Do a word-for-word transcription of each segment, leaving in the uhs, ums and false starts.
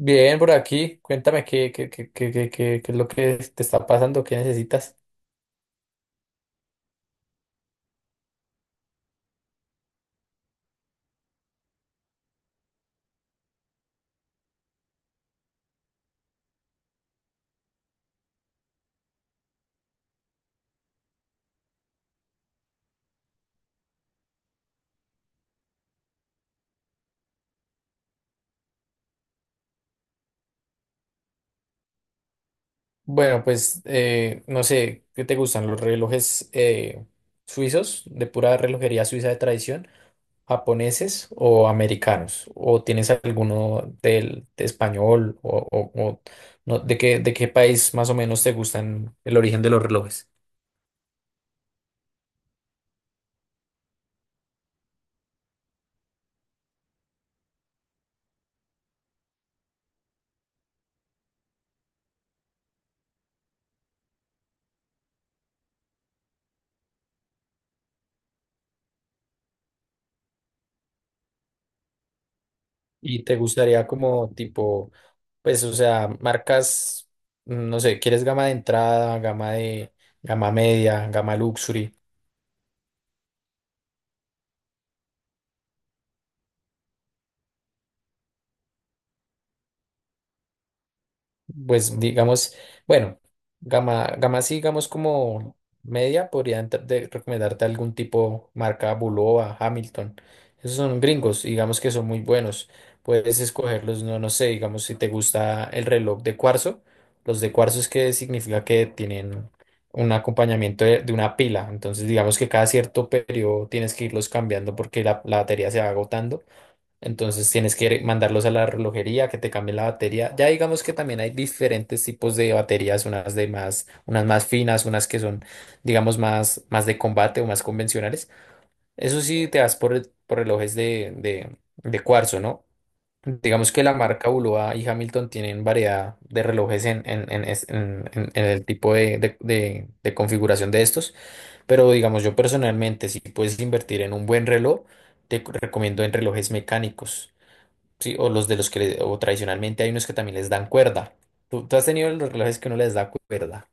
Bien, por aquí, cuéntame qué, qué, qué, qué, qué, qué- qué- es lo que te está pasando, qué necesitas. Bueno, pues eh, no sé, ¿qué te gustan los relojes eh, suizos, de pura relojería suiza de tradición, japoneses o americanos? ¿O tienes alguno del de español o, o- o no, de qué, de qué país más o menos te gustan el origen de los relojes? Y te gustaría como tipo, pues, o sea, marcas, mm, no sé, ¿quieres gama de entrada, gama de, gama media, gama luxury? Pues digamos, bueno, gama, gama así, digamos como media, podría ent- de- recomendarte algún tipo, marca Bulova, Hamilton. Esos son gringos, digamos que son muy buenos. Puedes escogerlos, no, no sé, digamos si te gusta el reloj de cuarzo. Los de cuarzo es que significa que tienen un acompañamiento de, de una pila. Entonces, digamos que cada cierto periodo tienes que irlos cambiando porque la, la batería se va agotando, entonces tienes que mandarlos a la relojería que te cambien la batería. Ya digamos que también hay diferentes tipos de baterías, unas de más, unas más finas, unas que son, digamos, más, más de combate o más convencionales. Eso sí, te vas por, por relojes de, de, de cuarzo, ¿no? Digamos que la marca Bulova y Hamilton tienen variedad de relojes en, en, en, es- en- en- en el tipo de, de de- de configuración de estos. Pero digamos, yo personalmente, si puedes invertir en un buen reloj, te c- recomiendo en relojes mecánicos. Sí, o los de los que le- o tradicionalmente hay unos que también les dan cuerda. ¿Tú, tú has tenido los relojes que no les da cuerda?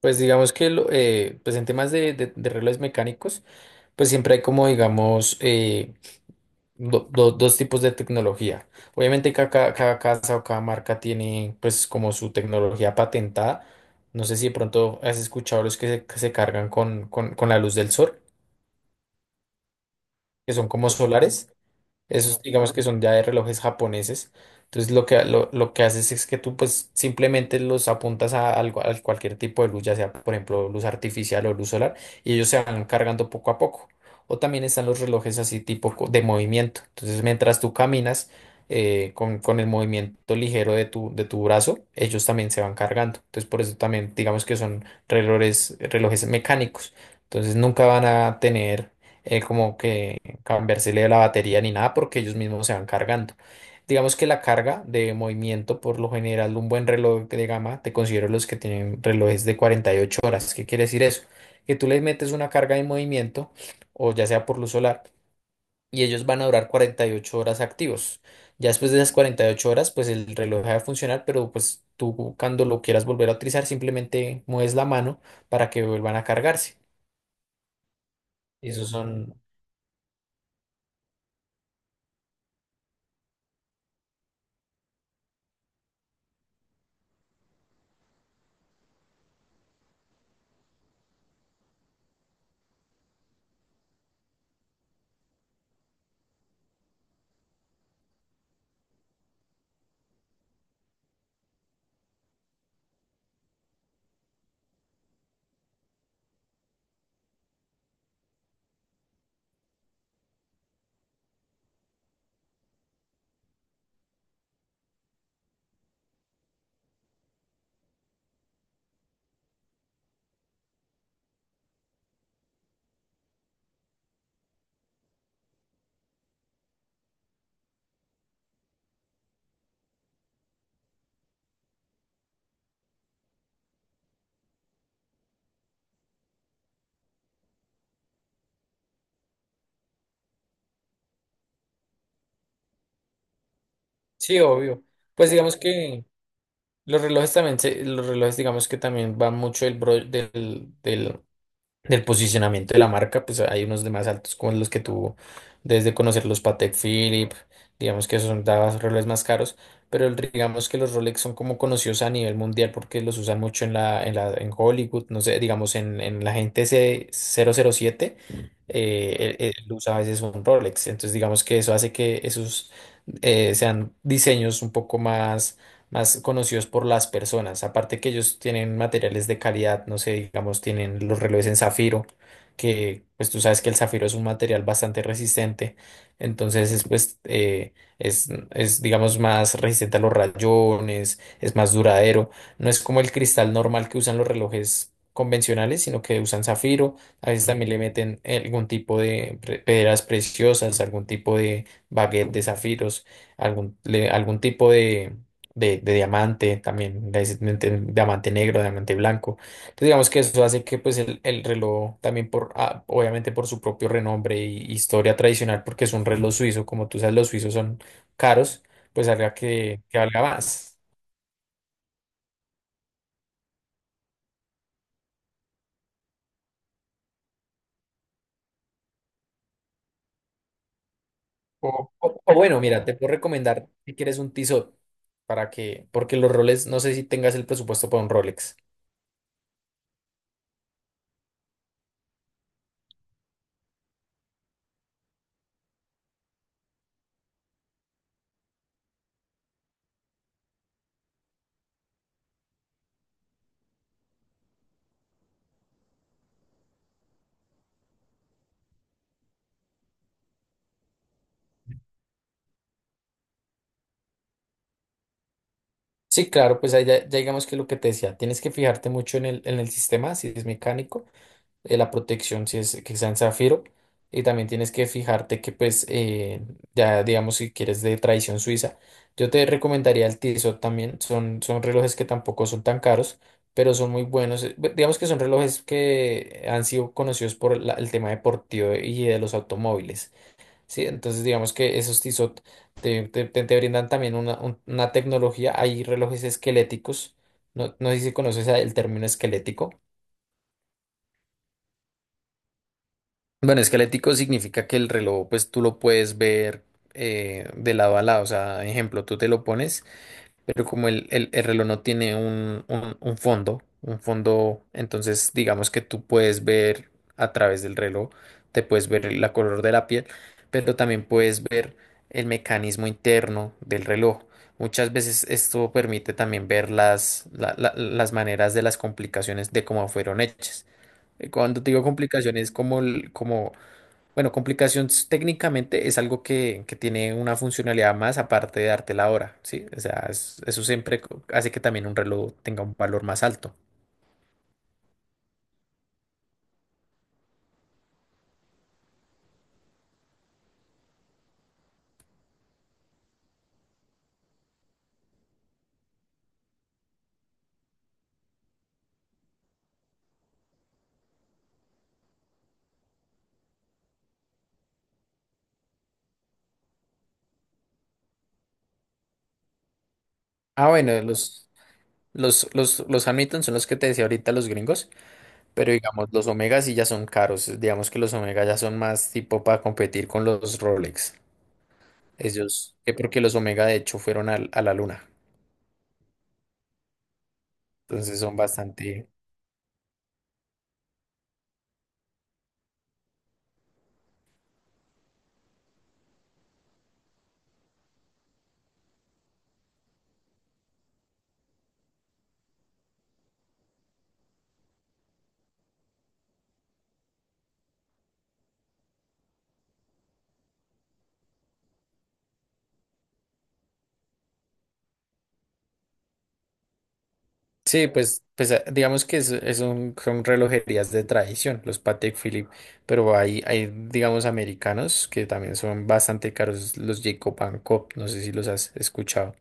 Pues digamos que lo- eh, pues en temas de, de- de relojes mecánicos, pues siempre hay como digamos eh, do- do- dos tipos de tecnología. Obviamente ca- ca- cada casa o cada marca tiene pues como su tecnología patentada. No sé si de pronto has escuchado los que se, que se cargan con, con, con la luz del sol, que son como solares. Esos digamos que son ya de relojes japoneses. Entonces lo que, lo, lo que haces es que tú pues simplemente los apuntas a, algo- a cualquier tipo de luz, ya sea por ejemplo luz artificial o luz solar, y ellos se van cargando poco a poco. O también están los relojes así tipo co- de movimiento. Entonces mientras tú caminas eh, con, con el movimiento ligero de tu, de tu brazo, ellos también se van cargando. Entonces por eso también digamos que son relojes, relojes mecánicos. Entonces nunca van a tener eh, como que cambiársele la batería ni nada porque ellos mismos se van cargando. Digamos que la carga de movimiento, por lo general, un buen reloj de gama, te considero los que tienen relojes de cuarenta y ocho horas. ¿Qué quiere decir eso? Que tú les metes una carga de movimiento, o ya sea por luz solar, y ellos van a durar cuarenta y ocho horas activos. Ya después de esas cuarenta y ocho horas, pues el reloj deja de funcionar, pero pues tú cuando lo quieras volver a utilizar, simplemente mueves la mano para que vuelvan a cargarse. Esos son, sí, obvio. Pues digamos que... Los relojes también, se- los relojes digamos que también va mucho el bro- del, del, del posicionamiento de la marca, pues hay unos de más altos como los que tuvo, desde conocer los Patek Philippe, digamos que son daban relojes más caros, pero el- digamos que los Rolex son como conocidos a nivel mundial porque los usan mucho en la, en la, en Hollywood, no sé, digamos en, en la gente C- cero cero siete, eh, él, él usa a veces un Rolex, entonces digamos que eso hace que esos eh, sean diseños un poco más más conocidos por las personas. Aparte que ellos tienen materiales de calidad, no sé, digamos, tienen los relojes en zafiro, que pues tú sabes que el zafiro es un material bastante resistente, entonces es pues eh, es, es digamos más resistente a los rayones, es más duradero. No es como el cristal normal que usan los relojes convencionales, sino que usan zafiro. A veces también le meten algún tipo de pre- piedras preciosas, algún tipo de baguette de zafiros, algún, le- algún tipo de, de, de diamante, también de, ese- de- diamante negro, diamante blanco. Entonces digamos que eso hace que pues el, el reloj también por, ah, obviamente por su propio renombre y historia tradicional, porque es un reloj suizo, como tú sabes, los suizos son caros, pues haga que, que valga más. O, o- o bueno, mira, te puedo recomendar si quieres un Tissot para que, porque los roles, no sé si tengas el presupuesto para un Rolex. Sí, claro, pues ahí ya, ya digamos que lo que te decía, tienes que fijarte mucho en el, en el sistema, si es mecánico. Eh, la protección si es que sea en zafiro. Y también tienes que fijarte que pues eh, ya digamos si quieres de tradición suiza. Yo te recomendaría el Tissot también. Son, son relojes que tampoco son tan caros, pero son muy buenos. Eh, bu- Digamos que son relojes que han sido conocidos por la- el tema deportivo y de los automóviles. Sí, entonces digamos que esos Tissot te, te- te- te brindan también una, un- una tecnología. Hay relojes esqueléticos. No, no sé si conoces el término esquelético. Bueno, esquelético significa que el reloj, pues tú lo puedes ver eh, de lado a lado. O sea, ejemplo, tú te lo pones, pero como el, el- el reloj no tiene un, un- un fondo, un fondo, entonces digamos que tú puedes ver a través del reloj, te puedes ver el- la color de la piel, pero también puedes ver el mecanismo interno del reloj. Muchas veces esto permite también ver las, la- la- las maneras de las complicaciones de cómo fueron hechas. Cuando te digo complicaciones, como, el- como bueno, complicación s- técnicamente es algo que, que tiene una funcionalidad más aparte de darte la hora, ¿sí? O sea, es- eso siempre co- hace que también un reloj tenga un valor más alto. Ah, bueno, los, los, los, los Hamilton son los que te decía ahorita los gringos, pero digamos, los Omega sí ya son caros. Digamos que los Omega ya son más tipo para competir con los Rolex. Ellos, que porque los Omega de hecho fueron al- a la luna, entonces son bastante... Sí, pues, pues eh, digamos que es, es un, son relojerías de tradición, los Patek Philippe, pero hay, hay, digamos, americanos que también son bastante caros, los Jacob Cop, no sé si los has escuchado.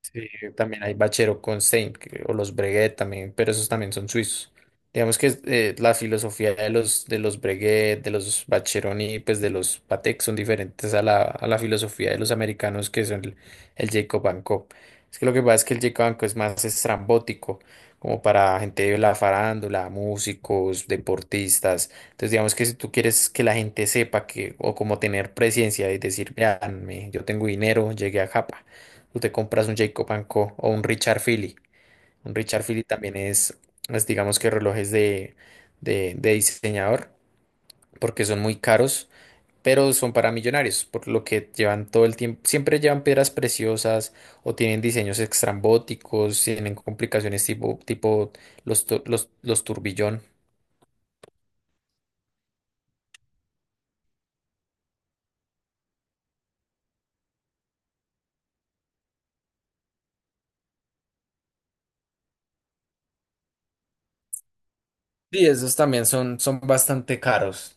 Sí, también hay Bachero con Stein, que- o los Breguet también, pero esos también son suizos. Digamos que eh, la filosofía de los, de los Breguet, de los Bacheroni, pues de los Patek son diferentes a la, a la filosofía de los americanos que son el, el Jacob and Co. Es que lo que pasa es que el Jacob and Co es más estrambótico, como para gente de la farándula, músicos, deportistas. Entonces digamos que si tú quieres que la gente sepa que, o como tener presencia y decir, vean, me- yo tengo dinero, llegué a Japa. Tú te compras un Jacob and Co. o un Richard Philly. Un Richard Philly también es, es, digamos que relojes de, de, de diseñador, porque son muy caros, pero son para millonarios, por lo que llevan todo el tiempo, siempre llevan piedras preciosas o tienen diseños extrambóticos, tienen complicaciones tipo, tipo los, tu- los, los turbillón. Sí, esos también son, son bastante caros.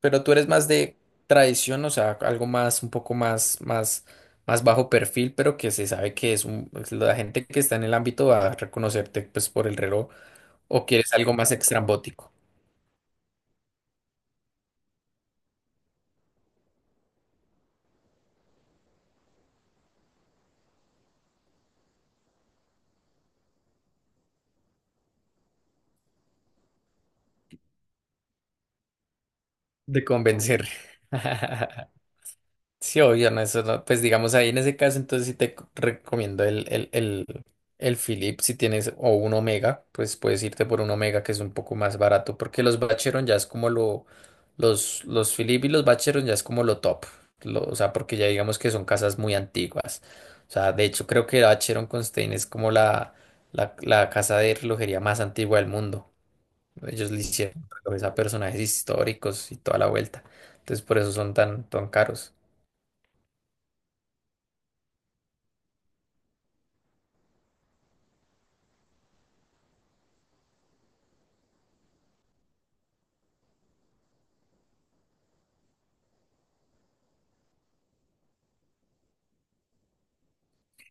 Pero tú eres más de tradición, o sea, algo más, un poco más, más, más bajo perfil, pero que se sabe que es un, es la gente que está en el ámbito va a reconocerte pues por el reloj, o quieres algo más extrambótico de convencer. Sí, obvio, no, eso no- pues digamos ahí en ese caso, entonces sí te c- recomiendo el, el, el, el Philips si tienes o un Omega, pues puedes irte por un Omega que es un poco más barato, porque los Vacheron ya es como lo, los, los Philips y los Vacheron ya es como lo top, lo- o sea, porque ya digamos que son casas muy antiguas, o sea, de hecho creo que Vacheron Constantin es como la, la, la casa de relojería más antigua del mundo, ellos le hicieron relojes a personajes históricos y toda la vuelta, entonces por eso son tan, tan caros.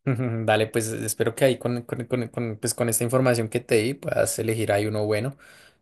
Ujú, dale, pues espero que ahí con, con, con, con, pues, con esta información que te di puedas elegir ahí uno bueno.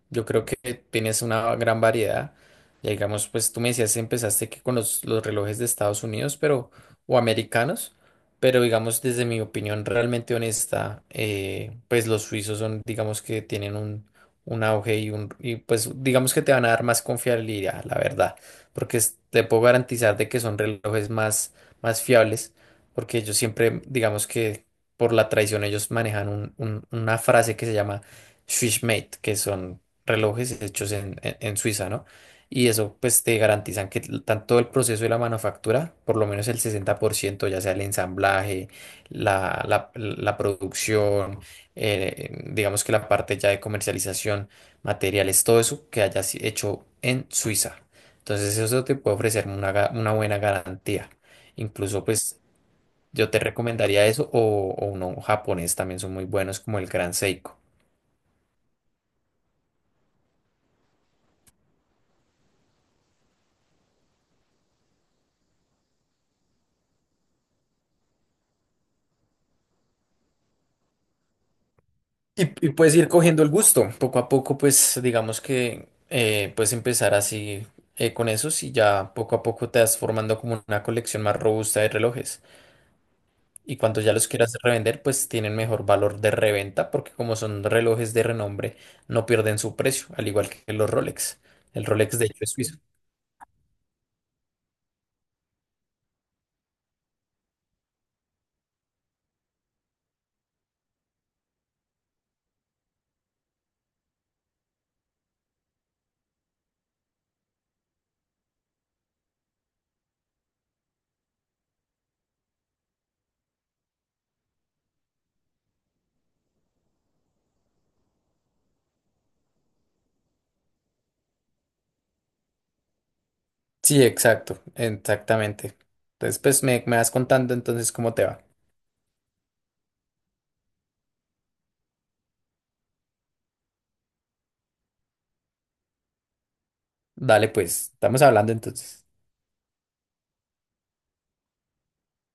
Yo creo que tienes una gran variedad. Ya digamos, pues tú me decías, empezaste que con los, los relojes de Estados Unidos, pero, o americanos, pero digamos, desde mi opinión realmente honesta, eh, pues los suizos son, digamos que tienen un, un auge y un, y pues digamos que te van a dar más confiabilidad, la verdad, porque es- te puedo garantizar de que son relojes más, más fiables, porque ellos siempre, digamos que por la tradición, ellos manejan un- un- una frase que se llama Swissmate, que son relojes hechos en, en- en Suiza, ¿no? Y eso pues te garantizan que l- tanto el proceso de la manufactura, por lo menos el sesenta por ciento, ya sea el ensamblaje, la, la- la producción, eh, digamos que la parte ya de comercialización, materiales, todo eso que haya si- hecho en Suiza. Entonces eso te puede ofrecer una, ga- una buena garantía. Incluso pues yo te recomendaría eso o, o uno japonés también son muy buenos como el Gran Seiko. Y, y puedes ir cogiendo el gusto, poco a poco, pues digamos que eh, puedes empezar así eh, con esos y ya poco a poco te vas formando como una colección más robusta de relojes. Y cuando ya los quieras revender, pues tienen mejor valor de reventa porque como son relojes de renombre, no pierden su precio, al igual que los Rolex. El Rolex de hecho es suizo. Sí, exacto, exactamente. Entonces, pues me, me vas contando entonces cómo te va. Dale, pues, estamos hablando entonces.